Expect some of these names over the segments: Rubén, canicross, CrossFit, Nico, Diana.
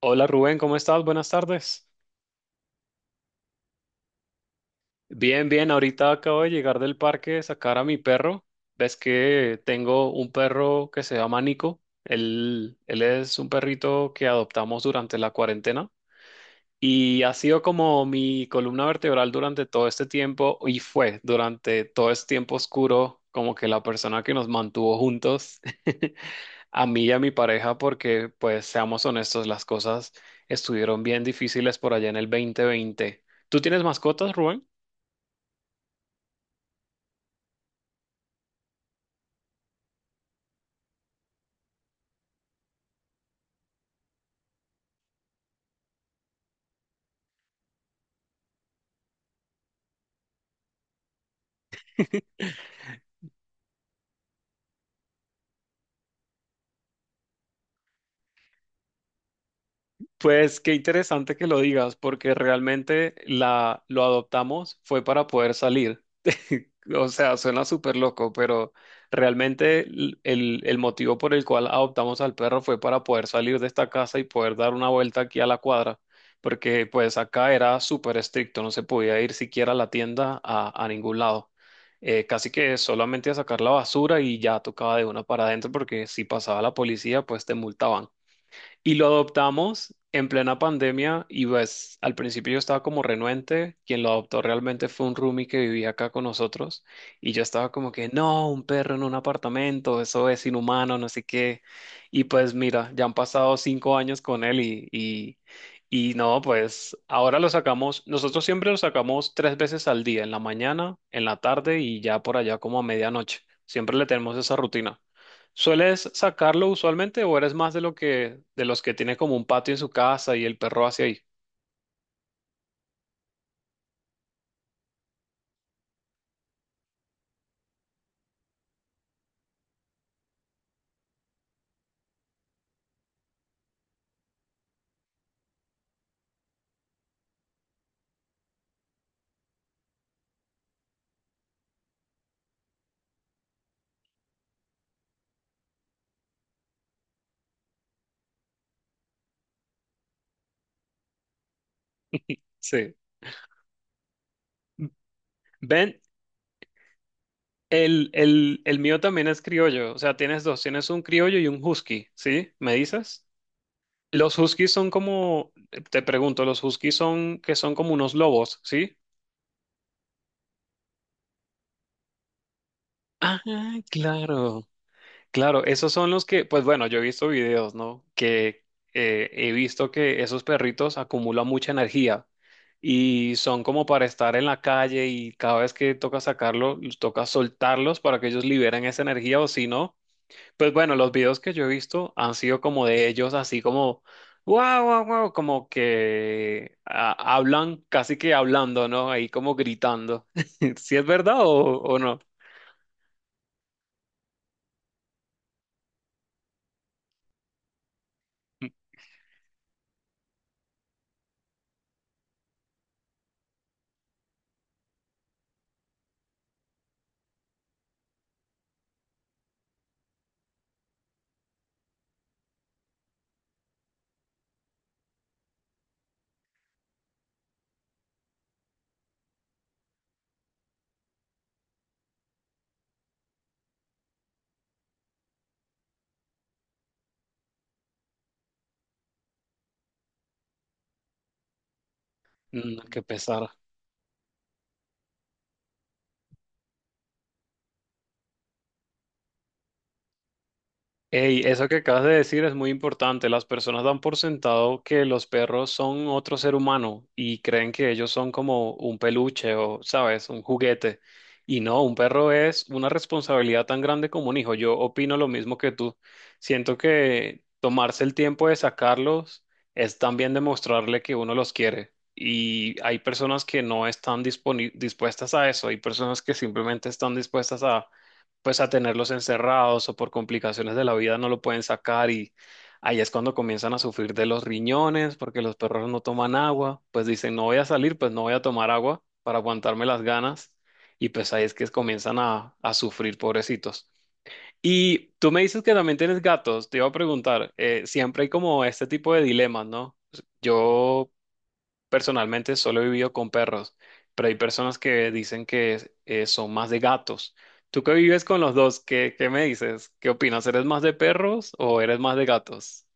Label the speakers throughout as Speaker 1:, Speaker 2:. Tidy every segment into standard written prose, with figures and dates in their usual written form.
Speaker 1: Hola Rubén, ¿cómo estás? Buenas tardes. Bien, bien, ahorita acabo de llegar del parque, sacar a mi perro. Ves que tengo un perro que se llama Nico. Él es un perrito que adoptamos durante la cuarentena. Y ha sido como mi columna vertebral durante todo este tiempo y fue durante todo este tiempo oscuro como que la persona que nos mantuvo juntos, a mí y a mi pareja, porque pues seamos honestos, las cosas estuvieron bien difíciles por allá en el 2020. ¿Tú tienes mascotas, Rubén? Pues qué interesante que lo digas, porque realmente la, lo adoptamos fue para poder salir. O sea, suena súper loco, pero realmente el, el motivo por el cual adoptamos al perro fue para poder salir de esta casa y poder dar una vuelta aquí a la cuadra, porque pues acá era súper estricto, no se podía ir siquiera a la tienda a ningún lado. Casi que solamente a sacar la basura y ya tocaba de una para adentro, porque si pasaba la policía, pues te multaban. Y lo adoptamos en plena pandemia y pues al principio yo estaba como renuente, quien lo adoptó realmente fue un roomie que vivía acá con nosotros y yo estaba como que no, un perro en un apartamento, eso es inhumano, no sé qué. Y pues mira, ya han pasado cinco años con él y no, pues ahora lo sacamos, nosotros siempre lo sacamos tres veces al día, en la mañana, en la tarde y ya por allá como a medianoche. Siempre le tenemos esa rutina. ¿Sueles sacarlo usualmente o eres más de lo que de los que tiene como un patio en su casa y el perro hacia ahí? Sí. Ven, el, el mío también es criollo, o sea, tienes dos, tienes un criollo y un husky, ¿sí? ¿Me dices? Los huskies son como, te pregunto, los huskies son que son como unos lobos, ¿sí? Ah, claro. Claro, esos son los que, pues bueno, yo he visto videos, ¿no? Que he visto que esos perritos acumulan mucha energía y son como para estar en la calle y cada vez que toca sacarlo, los toca soltarlos para que ellos liberen esa energía o si no, pues bueno, los videos que yo he visto han sido como de ellos, así como, wow, wow, wow, como que ah, hablan, casi que hablando, ¿no? Ahí como gritando. ¿Si es verdad o no? Mm, qué pesar. Ey, eso que acabas de decir es muy importante. Las personas dan por sentado que los perros son otro ser humano y creen que ellos son como un peluche o, sabes, un juguete. Y no, un perro es una responsabilidad tan grande como un hijo. Yo opino lo mismo que tú. Siento que tomarse el tiempo de sacarlos es también demostrarle que uno los quiere. Y hay personas que no están dispuestas a eso. Hay personas que simplemente están dispuestas a pues a tenerlos encerrados o por complicaciones de la vida no lo pueden sacar y ahí es cuando comienzan a sufrir de los riñones porque los perros no toman agua, pues dicen no voy a salir, pues no voy a tomar agua para aguantarme las ganas y pues ahí es que comienzan a sufrir pobrecitos. Y tú me dices que también tienes gatos, te iba a preguntar, siempre hay como este tipo de dilemas, ¿no? Yo personalmente solo he vivido con perros, pero hay personas que dicen que son más de gatos. ¿Tú que vives con los dos? ¿Qué, qué me dices? ¿Qué opinas? ¿Eres más de perros o eres más de gatos?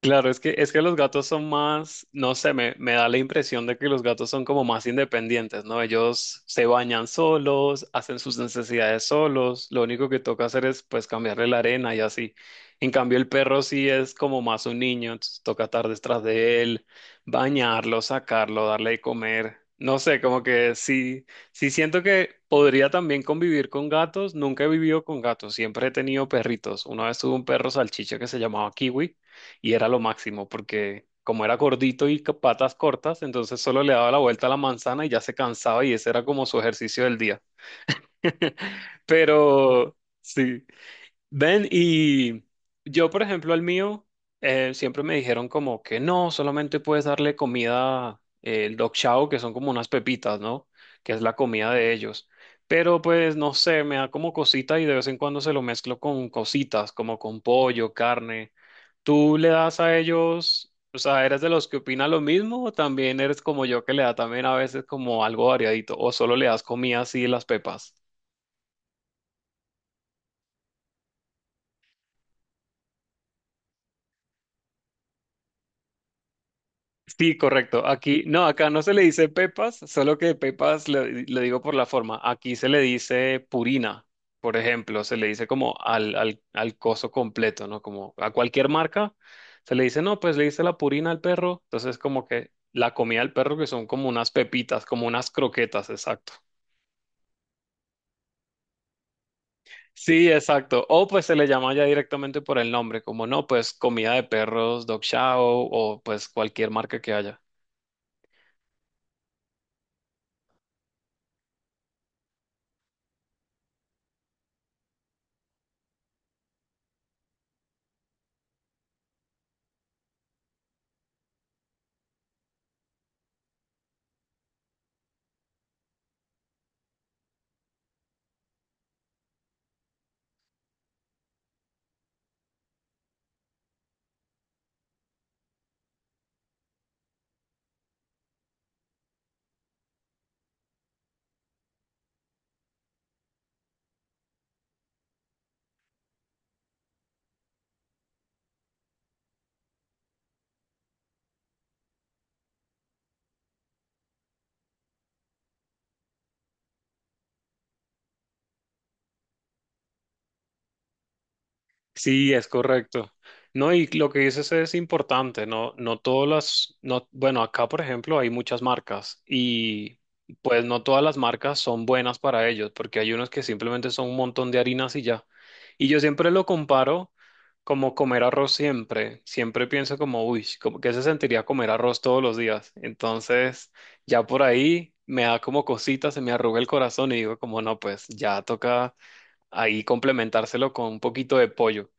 Speaker 1: Claro, es que los gatos son más, no sé, me da la impresión de que los gatos son como más independientes, ¿no? Ellos se bañan solos, hacen sus necesidades solos, lo único que toca hacer es pues cambiarle la arena y así. En cambio, el perro sí es como más un niño, entonces toca estar detrás de él, bañarlo, sacarlo, darle de comer. No sé, como que sí, sí siento que podría también convivir con gatos, nunca he vivido con gatos, siempre he tenido perritos. Una vez tuve un perro salchicha que se llamaba Kiwi y era lo máximo porque como era gordito y con patas cortas, entonces solo le daba la vuelta a la manzana y ya se cansaba y ese era como su ejercicio del día. Pero sí, ven, y yo, por ejemplo, al mío, siempre me dijeron como que no, solamente puedes darle comida, el dog chow, que son como unas pepitas, ¿no? Que es la comida de ellos. Pero pues no sé, me da como cosita y de vez en cuando se lo mezclo con cositas, como con pollo, carne. ¿Tú le das a ellos, o sea, eres de los que opina lo mismo o también eres como yo que le da también a veces como algo variadito o solo le das comida así las pepas? Sí, correcto. Aquí, no, acá no se le dice pepas, solo que pepas le, le digo por la forma. Aquí se le dice purina, por ejemplo, se le dice como al, al, al coso completo, ¿no? Como a cualquier marca, se le dice, no, pues le dice la purina al perro. Entonces, como que la comida del perro, que son como unas pepitas, como unas croquetas, exacto. Sí, exacto. O pues se le llama ya directamente por el nombre, como no, pues comida de perros, dog chow o pues cualquier marca que haya. Sí, es correcto. No, y lo que dices es importante, no, no todas las, no, bueno, acá por ejemplo hay muchas marcas y pues no todas las marcas son buenas para ellos, porque hay unos que simplemente son un montón de harinas y ya. Y yo siempre lo comparo como comer arroz siempre, siempre pienso como, uy, como que se sentiría comer arroz todos los días. Entonces, ya por ahí me da como cositas, se me arruga el corazón y digo como, no, pues ya toca ahí complementárselo con un poquito de pollo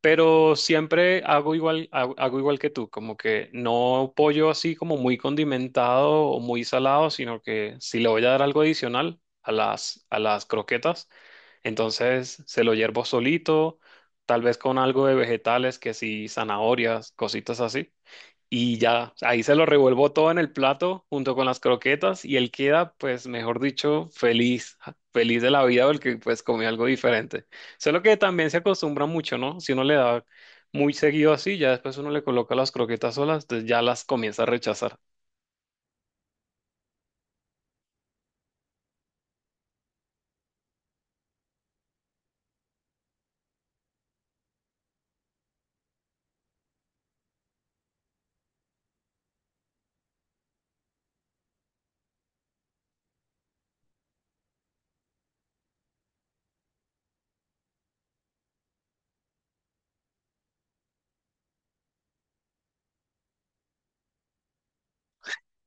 Speaker 1: pero siempre hago igual, hago igual que tú, como que no pollo así como muy condimentado o muy salado, sino que si le voy a dar algo adicional a las croquetas, entonces se lo hiervo solito, tal vez con algo de vegetales, que sí, zanahorias, cositas así. Y ya, ahí se lo revuelvo todo en el plato junto con las croquetas y él queda, pues, mejor dicho, feliz, ja, feliz de la vida porque pues comió algo diferente. Solo que también se acostumbra mucho, ¿no? Si uno le da muy seguido así, ya después uno le coloca las croquetas solas, entonces ya las comienza a rechazar.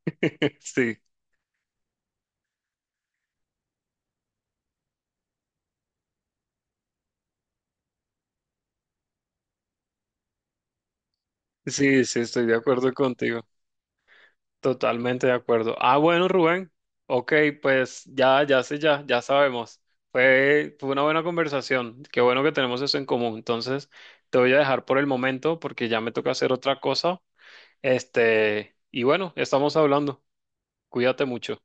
Speaker 1: Sí, sí, sí, estoy de acuerdo contigo. Totalmente de acuerdo. Ah, bueno, Rubén. Ok, pues ya, ya sé, ya, ya sabemos. Fue, fue una buena conversación. Qué bueno que tenemos eso en común. Entonces, te voy a dejar por el momento porque ya me toca hacer otra cosa. Este, y bueno, estamos hablando. Cuídate mucho.